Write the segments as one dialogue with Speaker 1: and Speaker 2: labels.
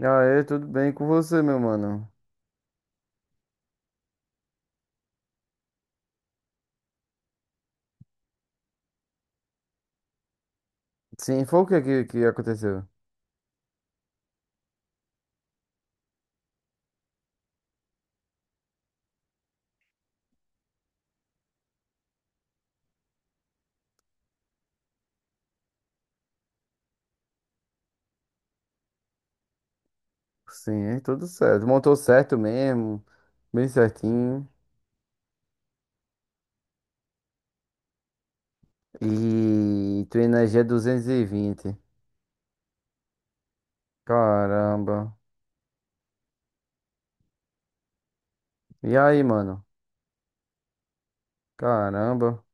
Speaker 1: Aê, tudo bem com você, meu mano? Sim, foi que aconteceu? Sim, é tudo certo. Montou certo mesmo, bem certinho. E tua energia é 220. Caramba. E aí, mano? Caramba.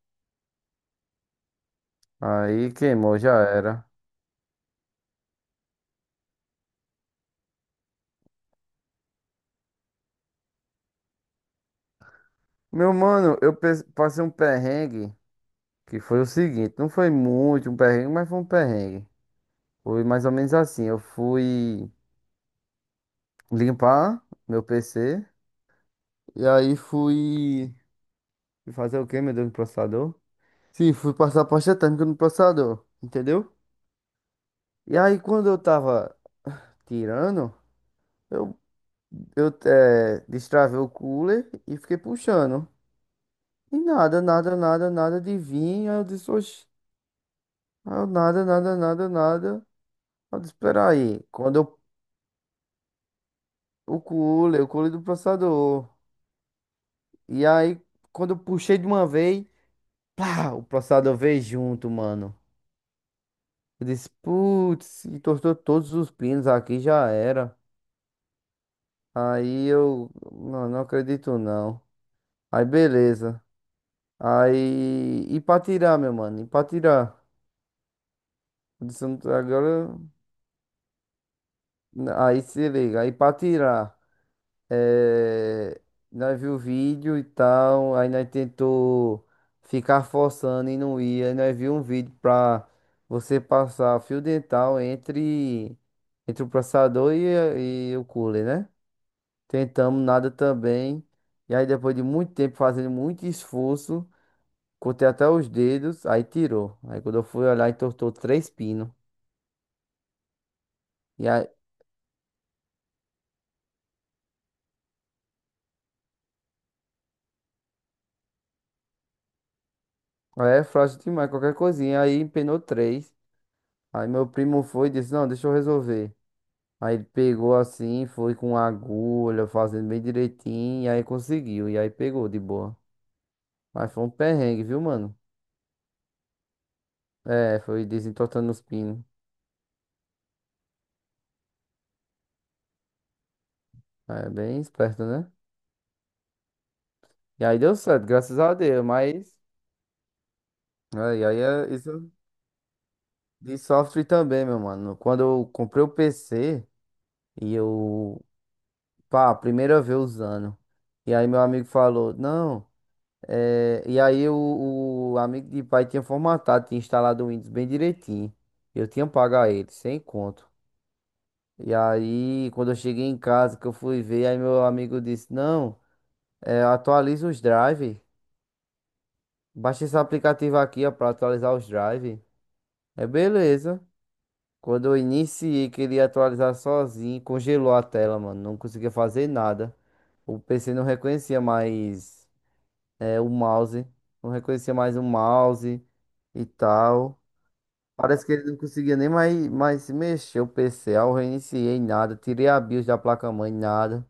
Speaker 1: Aí queimou, já era. Meu mano, passei um perrengue que foi o seguinte: não foi muito um perrengue, mas foi um perrengue. Foi mais ou menos assim: eu fui limpar meu PC e aí fui. E fazer o quê, meu Deus, no processador? Sim, fui passar pasta térmica no processador, entendeu? E aí, quando eu tava tirando, eu, destravei o cooler e fiquei puxando. E nada de vir. Aí eu disse, oxi. Aí eu nada. Aí eu disse, peraí, quando eu, o cooler do processador. E aí, quando eu puxei de uma vez, pá, o processador veio junto, mano. Eu disse, putz, entortou todos os pinos aqui, já era. Aí eu, não, não acredito não. Aí beleza. Aí, e pra tirar. Eu disse, "Não tô- Agora, aí se liga, aí pra tirar. É, nós viu o vídeo e tal, aí nós tentou ficar forçando e não ia. Aí nós viu um vídeo pra você passar fio dental entre, entre o processador e o cooler, né? Tentamos nada também. E aí depois de muito tempo fazendo muito esforço. Contei até os dedos, aí tirou. Aí quando eu fui olhar, entortou 3 pinos. E aí, aí é frágil demais, qualquer coisinha. Aí empenou três. Aí meu primo foi e disse, não, deixa eu resolver. Aí ele pegou assim, foi com agulha, fazendo bem direitinho, e aí conseguiu. E aí pegou de boa. Mas foi um perrengue, viu, mano? É, foi desentortando os pinos. É bem esperto, né? E aí deu certo, graças a Deus, mas. É, e aí é isso de software também, meu mano. Quando eu comprei o PC. E eu pá, primeira vez usando. E aí meu amigo falou, não. E aí o amigo de pai tinha formatado, tinha instalado o Windows bem direitinho. Eu tinha pago a ele, sem conto. E aí, quando eu cheguei em casa, que eu fui ver, aí meu amigo disse, não, é, atualiza os drive. Baixa esse aplicativo aqui, ó, pra atualizar os drive. É beleza. Quando eu iniciei, queria atualizar sozinho, congelou a tela, mano. Não conseguia fazer nada. O PC não reconhecia mais. É, o mouse. Não reconhecia mais o mouse e tal. Parece que ele não conseguia nem mais se mexer o PC. Aí eu reiniciei nada. Tirei a BIOS da placa-mãe, nada.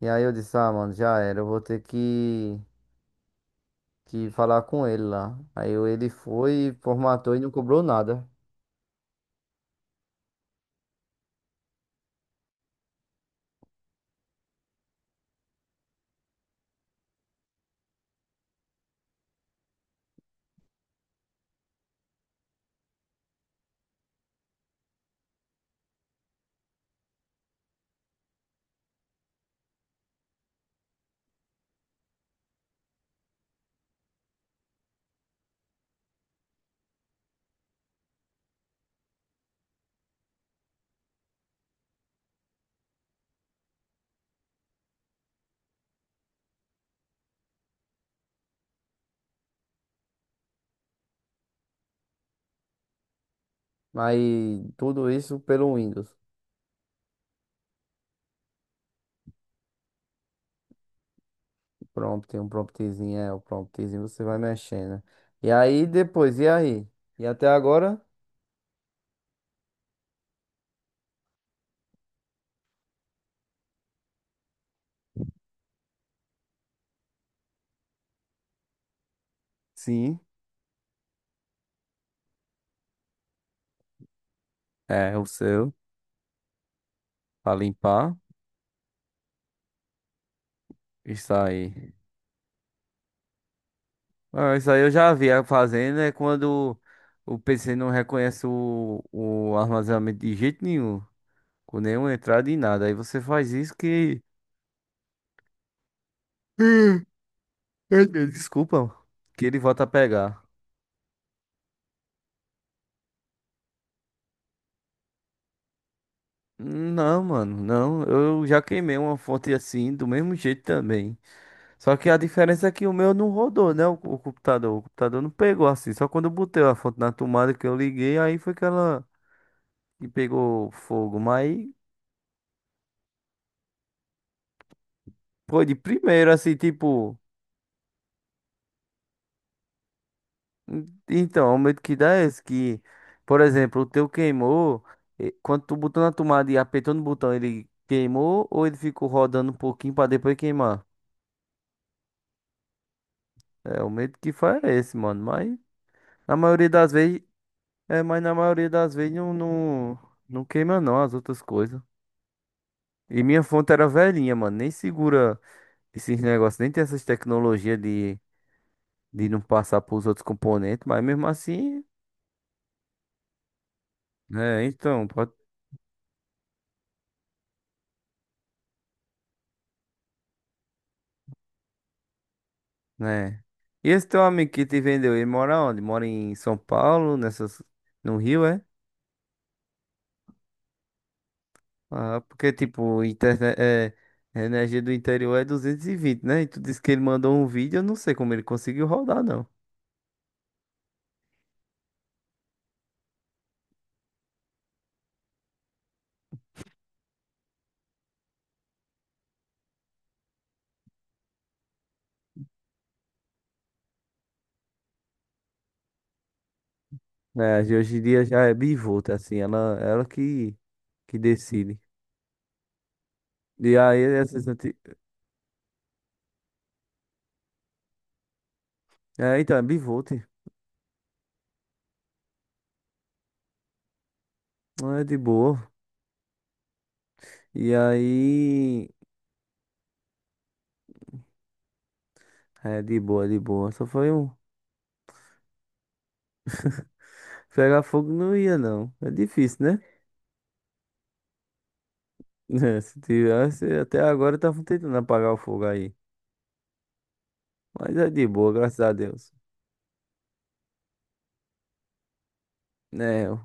Speaker 1: E aí eu disse, ah, mano, já era. Eu vou ter que falar com ele lá. Ele foi, formatou e não cobrou nada. Mas tudo isso pelo Windows. Prompt, tem um promptzinho, é, o promptzinho você vai mexendo. E aí depois, e aí? E até agora? Sim, é o seu, pra limpar. Isso aí. Ah, isso aí eu já vi a fazendo, é quando o PC não reconhece o armazenamento de jeito nenhum, com nenhuma entrada e nada. Aí você faz isso que. Desculpa, que ele volta a pegar. Não, mano, não. Eu já queimei uma fonte assim, do mesmo jeito também. Só que a diferença é que o meu não rodou, né? O computador. O computador não pegou assim. Só quando eu botei a fonte na tomada que eu liguei, aí foi que ela que pegou fogo. Mas. Pô, de primeiro, assim, tipo. Então, o medo que dá é esse que, por exemplo, o teu queimou, quando tu botou na tomada e apertou no botão, ele queimou ou ele ficou rodando um pouquinho pra depois queimar? É, o medo que faz é esse, mano. Mas na maioria das vezes, é, mas na maioria das vezes não queima não as outras coisas. E minha fonte era velhinha, mano. Nem segura esses negócios, nem tem essas tecnologias de não passar pros outros componentes, mas mesmo assim. É, então, pode né? E esse teu amigo que te vendeu, ele mora onde? Mora em São Paulo, nessas, no Rio, é? Ah, porque, tipo, internet, é, a energia do interior é 220, né? E tu disse que ele mandou um vídeo, eu não sei como ele conseguiu rodar, não. É, de hoje em dia já é bivolta, assim, ela que decide. E aí, essas anti... é, então, é bivolta, é de boa. E aí, é de boa, de boa. Só foi um. Pegar fogo não ia, não. É difícil, né? É, se tivesse, até agora estavam tentando apagar o fogo aí. Mas é de boa, graças a Deus. Né, eu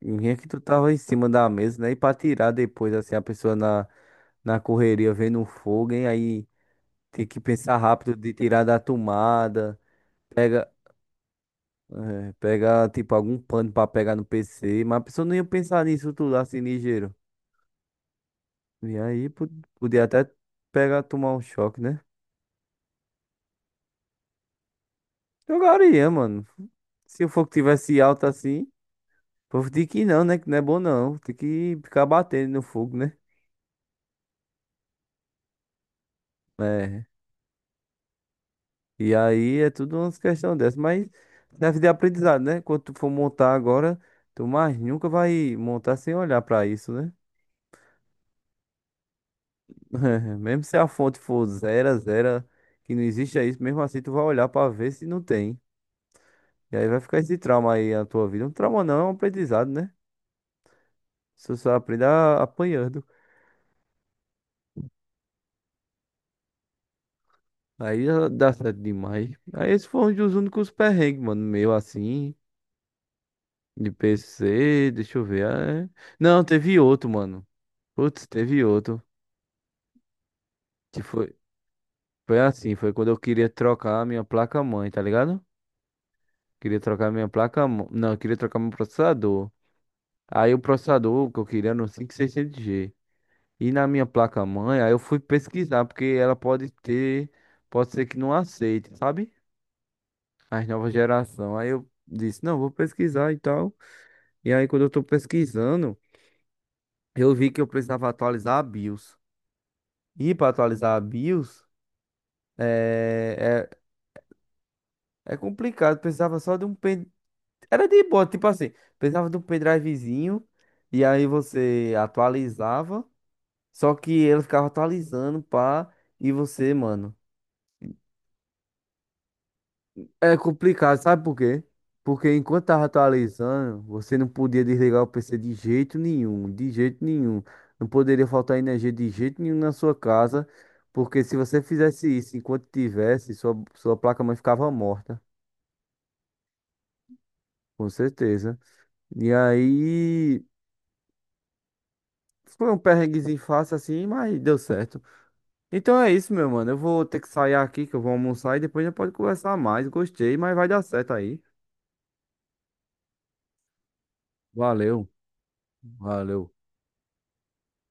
Speaker 1: eu que tu tava em cima da mesa, né? E pra tirar depois, assim, a pessoa na, na correria vendo o fogo, hein? Aí tem que pensar rápido de tirar da tomada. Pega, é, pega, tipo, algum pano pra pegar no PC. Mas a pessoa não ia pensar nisso tudo assim, ligeiro. E aí po- Podia até pegar, tomar um choque, né? Jogaria, mano. Se o fogo tivesse alto assim. O povo diz que não, né? Que não é bom não. Tem que ficar batendo no fogo, né? É. E aí é tudo umas questões dessas. Mas deve de aprendizado, né? Quando tu for montar agora, tu mais nunca vai montar sem olhar pra isso, né? Mesmo se a fonte for zero, que não existe é isso, mesmo assim tu vai olhar pra ver se não tem. E aí vai ficar esse trauma aí na tua vida. Um trauma não, é um aprendizado, né? Você só aprende apanhando. Aí já dá certo demais. Aí esse foi um dos únicos perrengues, mano, meu assim. De PC, deixa eu ver. Ah, é. Não, teve outro, mano. Putz, teve outro. Que foi, foi assim, foi quando eu queria trocar a minha placa-mãe, tá ligado? Queria trocar a minha placa-mãe. Não, eu queria trocar meu processador. Aí o processador que eu queria era um no 600g. E na minha placa-mãe, aí eu fui pesquisar, porque ela pode ter, pode ser que não aceite, sabe? As novas gerações. Aí eu disse, não, vou pesquisar e tal. E aí quando eu tô pesquisando, eu vi que eu precisava atualizar a BIOS. E para atualizar a BIOS é, é complicado. Precisava só de um pen... Era de boa, tipo assim, precisava de um pendrivezinho e aí você atualizava, só que ele ficava atualizando, pá, e você, mano. É complicado, sabe por quê? Porque enquanto tava atualizando, você não podia desligar o PC de jeito nenhum. Não poderia faltar energia de jeito nenhum na sua casa, porque se você fizesse isso enquanto tivesse, sua placa-mãe ficava morta. Com certeza. E aí, foi um perrenguezinho fácil assim, mas deu certo. Então é isso, meu mano. Eu vou ter que sair aqui, que eu vou almoçar e depois a gente pode conversar mais. Gostei, mas vai dar certo aí. Valeu, valeu.